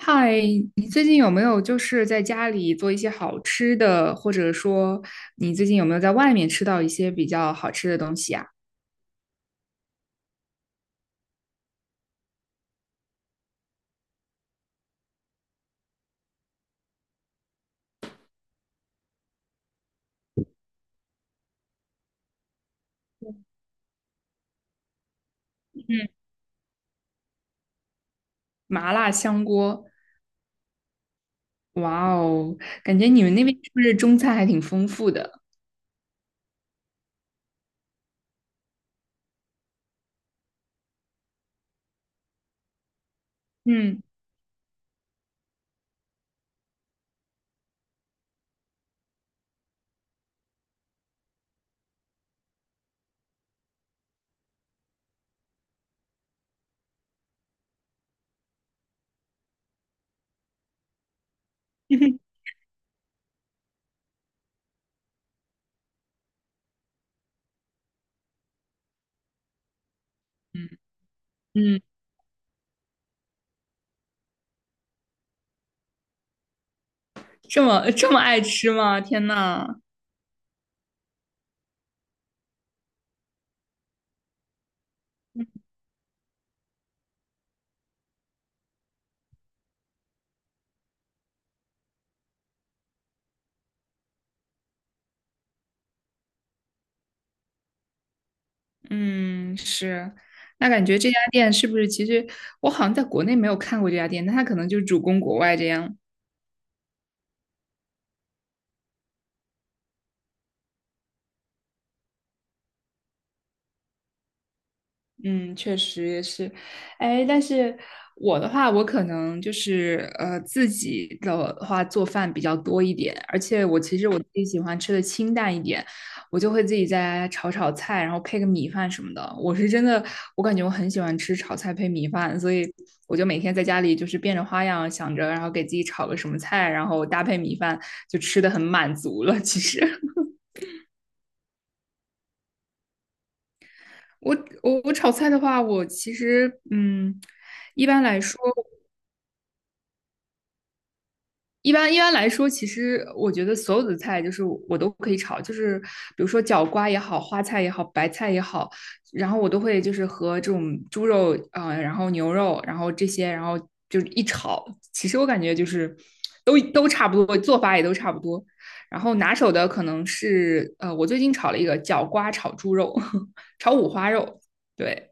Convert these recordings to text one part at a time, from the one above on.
嗨，你最近有没有就是在家里做一些好吃的，或者说你最近有没有在外面吃到一些比较好吃的东西啊？嗯，麻辣香锅，哇哦，感觉你们那边是不是中餐还挺丰富的？嗯 嗯嗯，这么这么爱吃吗？天呐，嗯，是，那感觉这家店是不是其实我好像在国内没有看过这家店，那他可能就主攻国外这样。嗯，确实也是，哎，但是我的话，我可能就是呃自己的话做饭比较多一点，而且我其实我自己喜欢吃的清淡一点，我就会自己在炒炒菜，然后配个米饭什么的。我是真的，我感觉我很喜欢吃炒菜配米饭，所以我就每天在家里就是变着花样想着，然后给自己炒个什么菜，然后搭配米饭，就吃的很满足了。其实 我我炒菜的话，我其实嗯。一般来说，一般来说，其实我觉得所有的菜就是我都可以炒，就是比如说角瓜也好，花菜也好，白菜也好，然后我都会就是和这种猪肉啊、呃然后牛肉，然后这些，然后就是一炒，其实我感觉就是都差不多，做法也都差不多。然后拿手的可能是呃，我最近炒了一个角瓜炒猪肉，炒五花肉，对。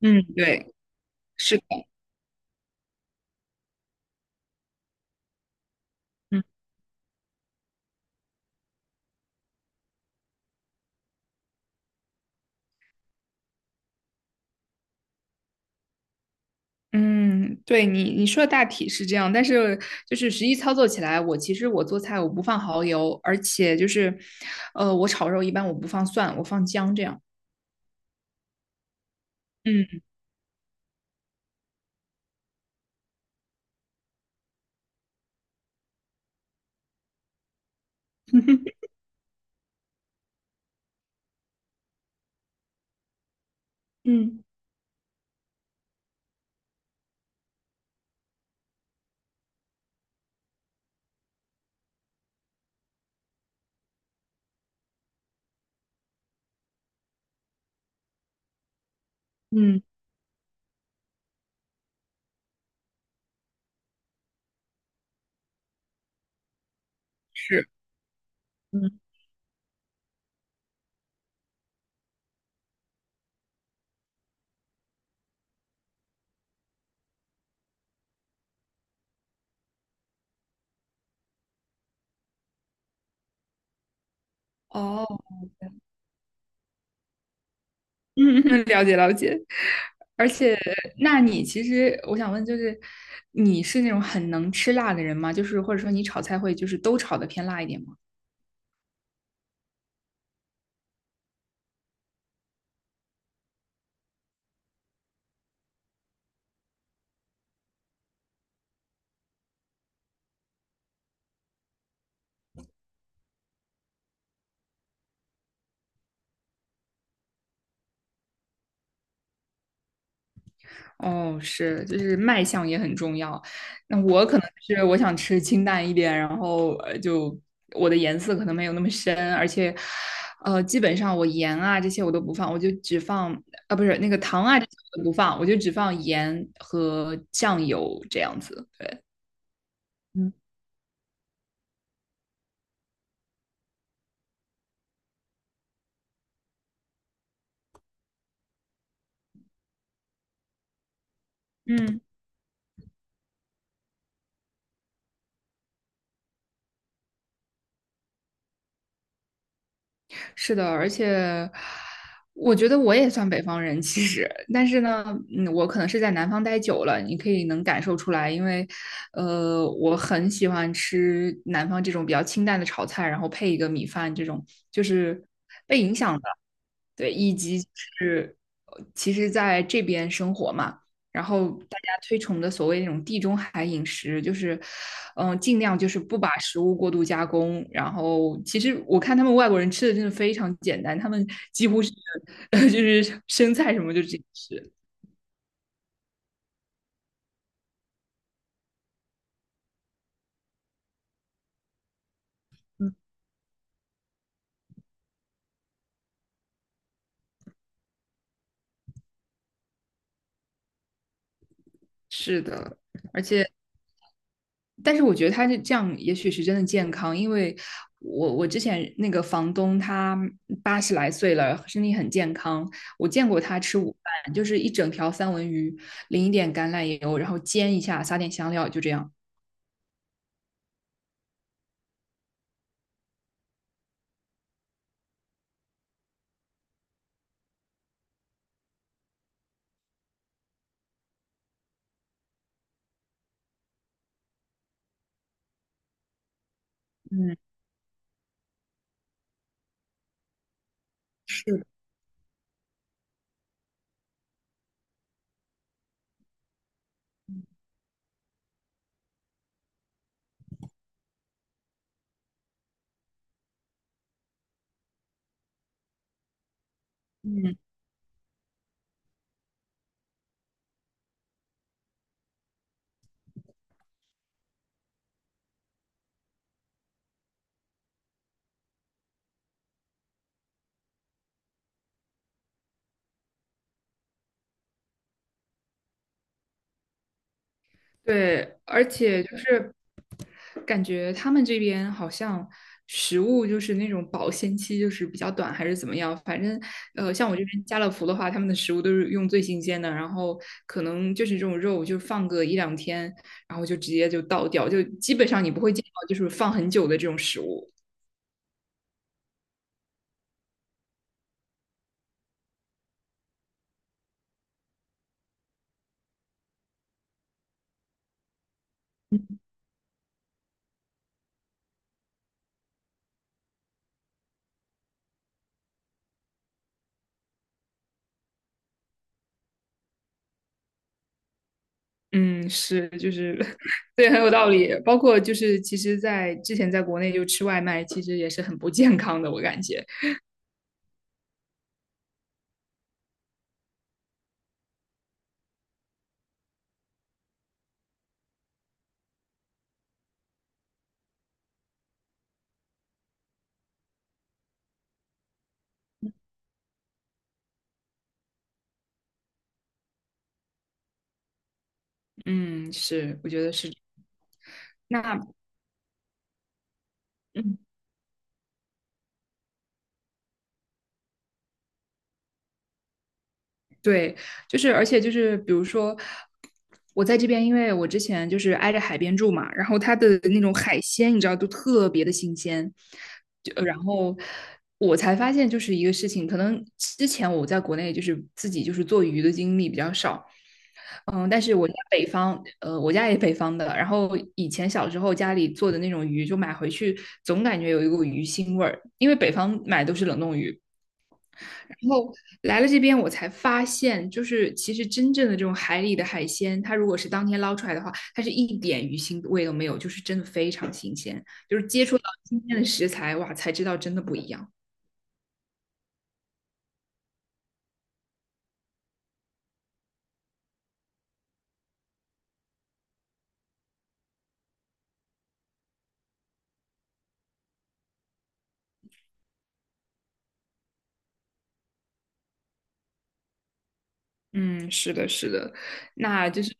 嗯，对，是的，嗯。嗯，对你你说的大体是这样，但是就是实际操作起来，我其实我做菜我不放蚝油，而且就是，呃，我炒肉一般我不放蒜，我放姜这样。嗯 嗯嗯是，嗯，哦，嗯嗯，了解了解。而且，那你其实我想问，就是你是那种很能吃辣的人吗？就是或者说你炒菜会就是都炒的偏辣一点吗？哦，是，就是卖相也很重要。那我可能是我想吃清淡一点，然后呃，就我的颜色可能没有那么深，而且，呃，基本上我盐啊这些我都不放，我就只放啊，不是那个糖啊这些我都不放，我就只放盐和酱油这样子。对，嗯。嗯。是的，而且我觉得我也算北方人，其实，但是呢，嗯，我可能是在南方待久了，你可以能感受出来，因为，呃，我很喜欢吃南方这种比较清淡的炒菜，然后配一个米饭，这种就是被影响的，对，以及是，呃其实在这边生活嘛。然后大家推崇的所谓那种地中海饮食，就是，嗯、尽量就是不把食物过度加工。然后其实我看他们外国人吃的真的非常简单，他们几乎是 就是生菜什么就直接吃。是的，而且但是我觉得他是这样，也许是真的健康，因为我之前那个房东他八十来岁了，身体很健康，我见过他吃午饭，就是一整条三文鱼，淋一点橄榄油，然后煎一下，撒点香料，就这样。嗯嗯，对，而且就是感觉他们这边好像食物就是那种保鲜期就是比较短，还是怎么样？反正呃，像我这边家乐福的话，他们的食物都是用最新鲜的，然后可能就是这种肉就放个一两天，然后就直接就倒掉，就基本上你不会见到就是放很久的这种食物。嗯，是，就是 对，很有道理。包括就是其实在之前在国内就吃外卖，其实也是很不健康的，我感觉。嗯，是，我觉得是。那嗯，对，就是而且就是比如说，我在这边，因为我之前就是挨着海边住嘛，然后它的那种海鲜，你知道，都特别的新鲜。就呃然后我才发现，就是一个事情，可能之前我在国内就是自己就是做鱼的经历比较少，嗯，但是我家北方，呃，我家也北方的，然后以前小时候家里做的那种鱼，就买回去总感觉有一股鱼腥味儿，因为北方买都是冷冻鱼，然后来了这边，我才发现，就是其实真正的这种海里的海鲜，它如果是当天捞出来的话，它是一点鱼腥味都没有，就是真的非常新鲜。就是接触到新鲜的食材，哇，才知道真的不一样。嗯，是的，是的，那就是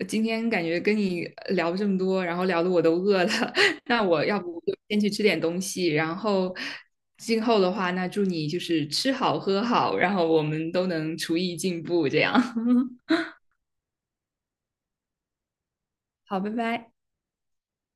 呃今天感觉跟你呃聊这么多，然后聊的我都饿了，那我要不就先去吃点东西，然后今后的话，那祝你就是吃好喝好，然后我们都能厨艺进步，这样。好，拜拜。